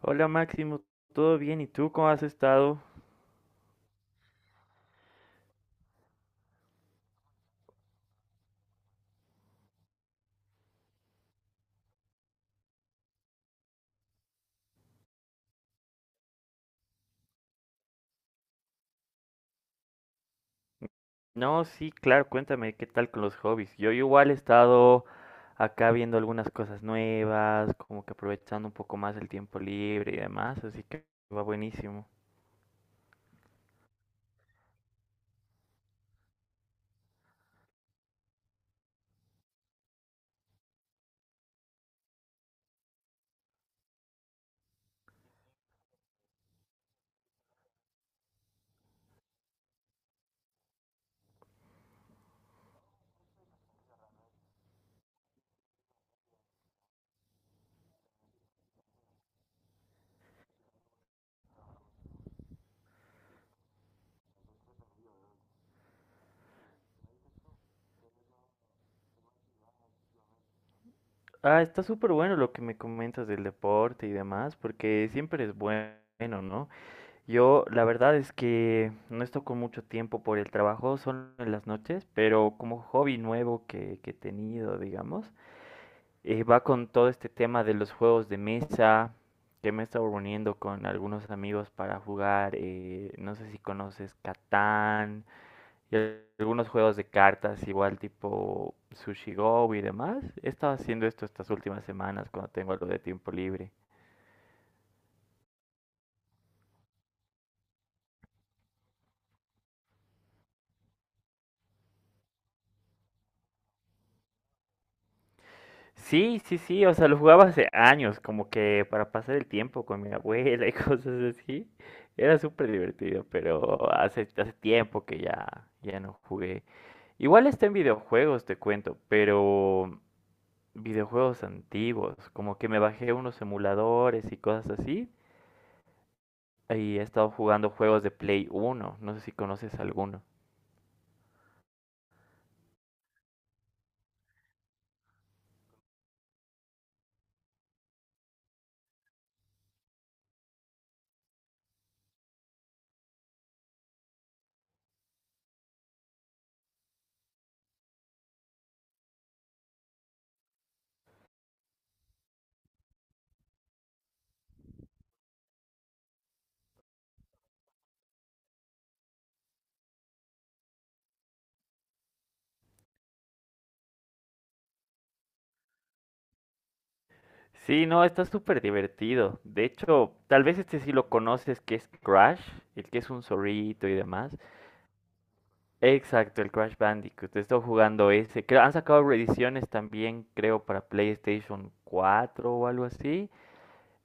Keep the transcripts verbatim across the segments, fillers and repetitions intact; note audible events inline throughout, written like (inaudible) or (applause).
Hola Máximo, ¿todo bien? ¿Y tú cómo has estado? No, sí, claro, cuéntame qué tal con los hobbies. Yo igual he estado acá viendo algunas cosas nuevas, como que aprovechando un poco más el tiempo libre y demás, así que va buenísimo. Ah, está súper bueno lo que me comentas del deporte y demás, porque siempre es bueno, ¿no? Yo la verdad es que no estoy con mucho tiempo por el trabajo, solo en las noches, pero como hobby nuevo que, que he tenido, digamos. Eh, va con todo este tema de los juegos de mesa, que me he estado reuniendo con algunos amigos para jugar, eh, no sé si conoces Catán, y al- algunos juegos de cartas, igual tipo Sushi Go y demás. He estado haciendo esto estas últimas semanas cuando tengo algo de tiempo libre. Sí, sí, sí, o sea, lo jugaba hace años, como que para pasar el tiempo con mi abuela y (laughs) cosas así. Era súper divertido, pero hace, hace tiempo que ya, ya no jugué. Igual está en videojuegos, te cuento, pero videojuegos antiguos, como que me bajé unos emuladores y cosas así, y he estado jugando juegos de Play uno. No sé si conoces alguno. Sí, no, está súper divertido. De hecho, tal vez este sí lo conoces, que es Crash, el que es un zorrito y demás. Exacto, el Crash Bandicoot. He estado jugando ese. Creo- han sacado reediciones también, creo, para PlayStation cuatro o algo así.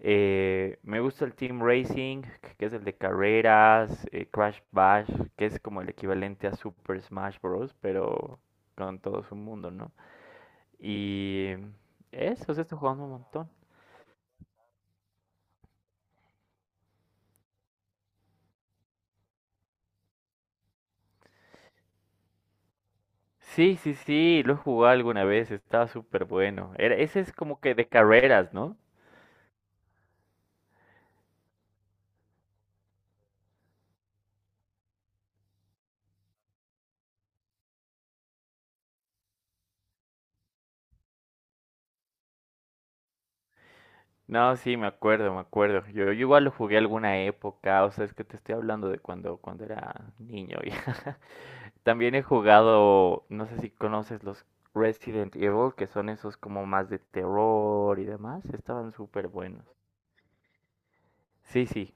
Eh, me gusta el Team Racing, que es el de carreras, eh, Crash Bash, que es como el equivalente a Super Smash Bros., pero con todo su mundo, ¿no? Y eso, o sea, esto jugando un montón. Sí, sí, sí, lo jugué alguna vez, estaba súper bueno. Era, ese es como que de carreras, ¿no? No, sí, me acuerdo, me acuerdo. Yo, yo igual lo jugué alguna época, o sea, es que te estoy hablando de cuando, cuando era niño. (laughs) ya. También he jugado, no sé si conoces los Resident Evil, que son esos como más de terror y demás. Estaban súper buenos. Sí, sí.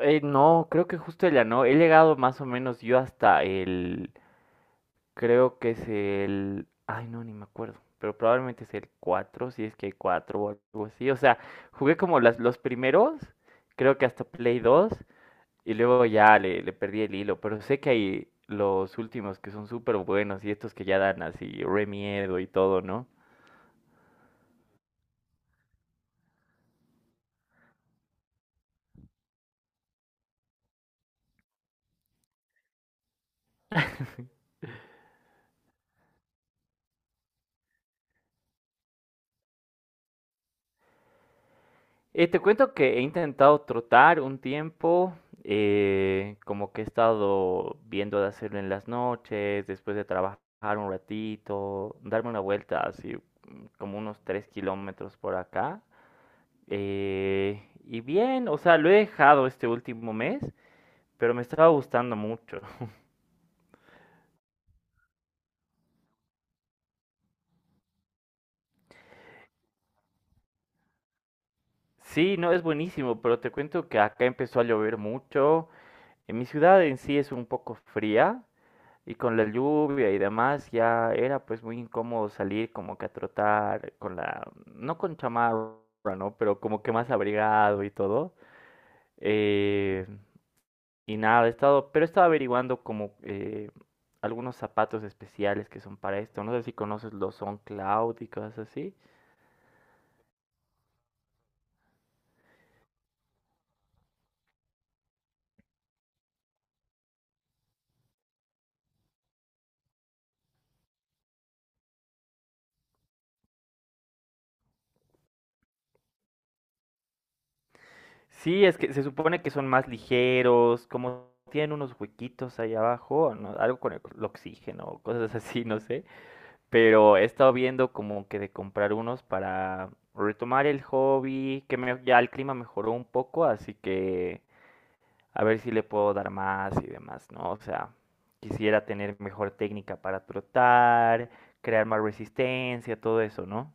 eh, No, creo que justo ella no. He llegado más o menos yo hasta el... Creo que es el... Ay, no, ni me acuerdo. Pero probablemente es el cuatro si es que hay cuatro o algo así. O sea, jugué como las, los primeros, creo que hasta Play dos. Y luego ya le, le perdí el hilo, pero sé que hay los últimos que son súper buenos y estos que ya dan así re miedo y todo, ¿no? Eh, te cuento que he intentado trotar un tiempo, eh, como que he estado viendo de hacerlo en las noches, después de trabajar un ratito, darme una vuelta así mm, como unos tres kilómetros por acá. Eh, y bien, o sea, lo he dejado este último mes, pero me estaba gustando mucho. Sí, no, es buenísimo, pero te cuento que acá empezó a llover mucho. En mi ciudad en sí es un poco fría y con la lluvia y demás ya era pues muy incómodo salir como que a trotar con la, no con chamarra, ¿no? Pero como que más abrigado y todo. Eh, y nada, he estado, pero he estado averiguando como eh, algunos zapatos especiales que son para esto. No sé si conoces los On Cloud y cosas así. Sí, es que se supone que son más ligeros, como tienen unos huequitos ahí abajo, ¿no? Algo con el, el oxígeno o cosas (laughs) así, no sé. Pero he estado viendo como que de comprar unos para retomar el hobby, que me- ya el clima mejoró un poco, así que a ver si le puedo dar más y demás, ¿no? O sea, quisiera tener mejor técnica para trotar, crear más resistencia, todo eso, ¿no?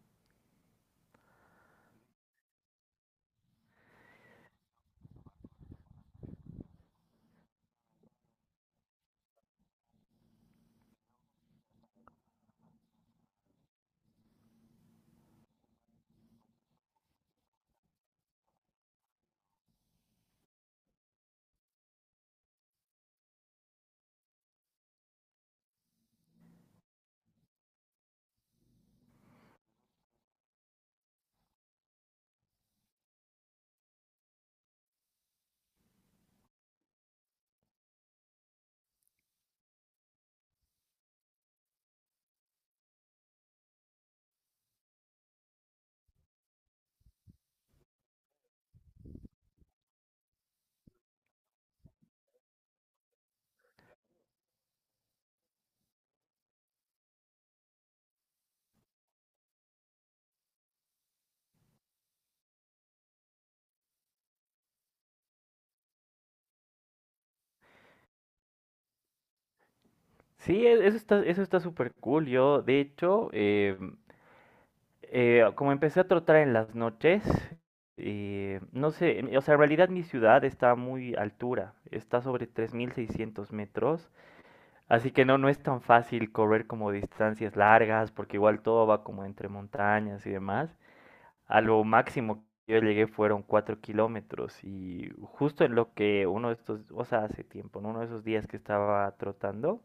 Sí, e- eso está, eso está súper cool. Yo, de hecho, em, Eh, como empecé a trotar en las noches, eh, no sé, en- o sea, en realidad mi ciudad está a muy altura, está sobre tres mil seiscientos metros, así que no, no es tan fácil correr como distancias largas, porque igual todo va como entre montañas y demás. A lo máximo que yo llegué fueron cuatro kilómetros y justo en lo que uno de estos, o sea, hace tiempo, en uno de esos días que estaba trotando,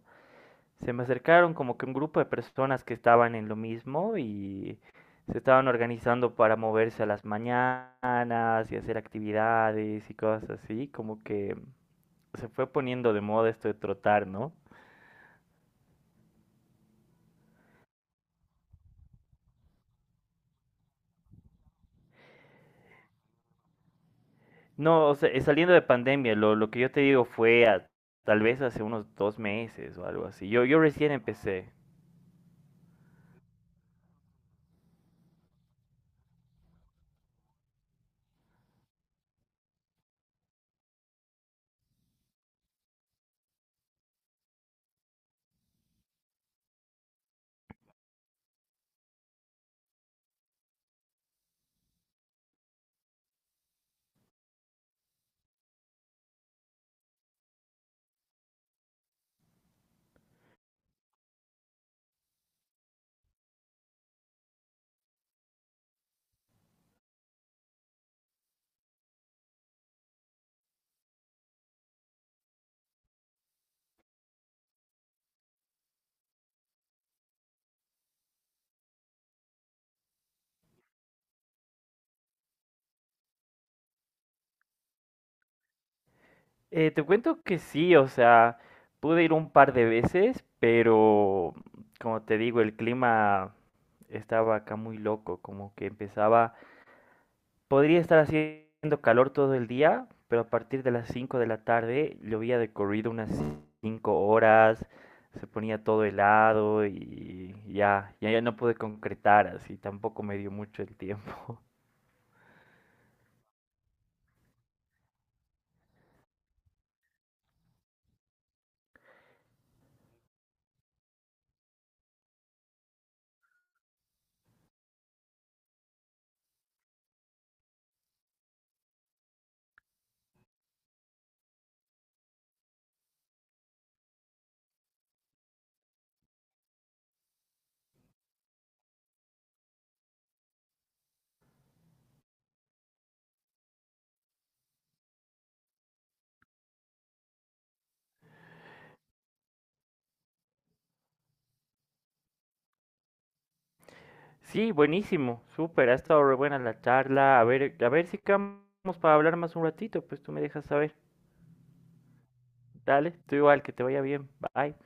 se me acercaron como que un grupo de personas que estaban en lo mismo y se estaban organizando para moverse a las mañanas y hacer actividades y cosas así, como que se fue poniendo de moda esto de trotar, ¿no? No, o sea, eh, saliendo de pandemia, lo, lo que yo te digo fue a- tal vez hace unos dos meses o algo así. Yo, yo recién empecé. Eh, te cuento que sí, o sea, pude ir un par de veces, pero como te digo, el clima estaba acá muy loco, como que empezaba, podría estar haciendo calor todo el día, pero a partir de las cinco de la tarde llovía de corrido unas cinco horas, se ponía todo helado y ya, ya, ya no pude concretar así, tampoco me dio mucho el tiempo. Sí, buenísimo, súper, ha estado re buena la charla. A ver, a ver si quedamos para hablar más un ratito, pues tú me dejas saber. Dale, tú igual, que te vaya bien. Bye.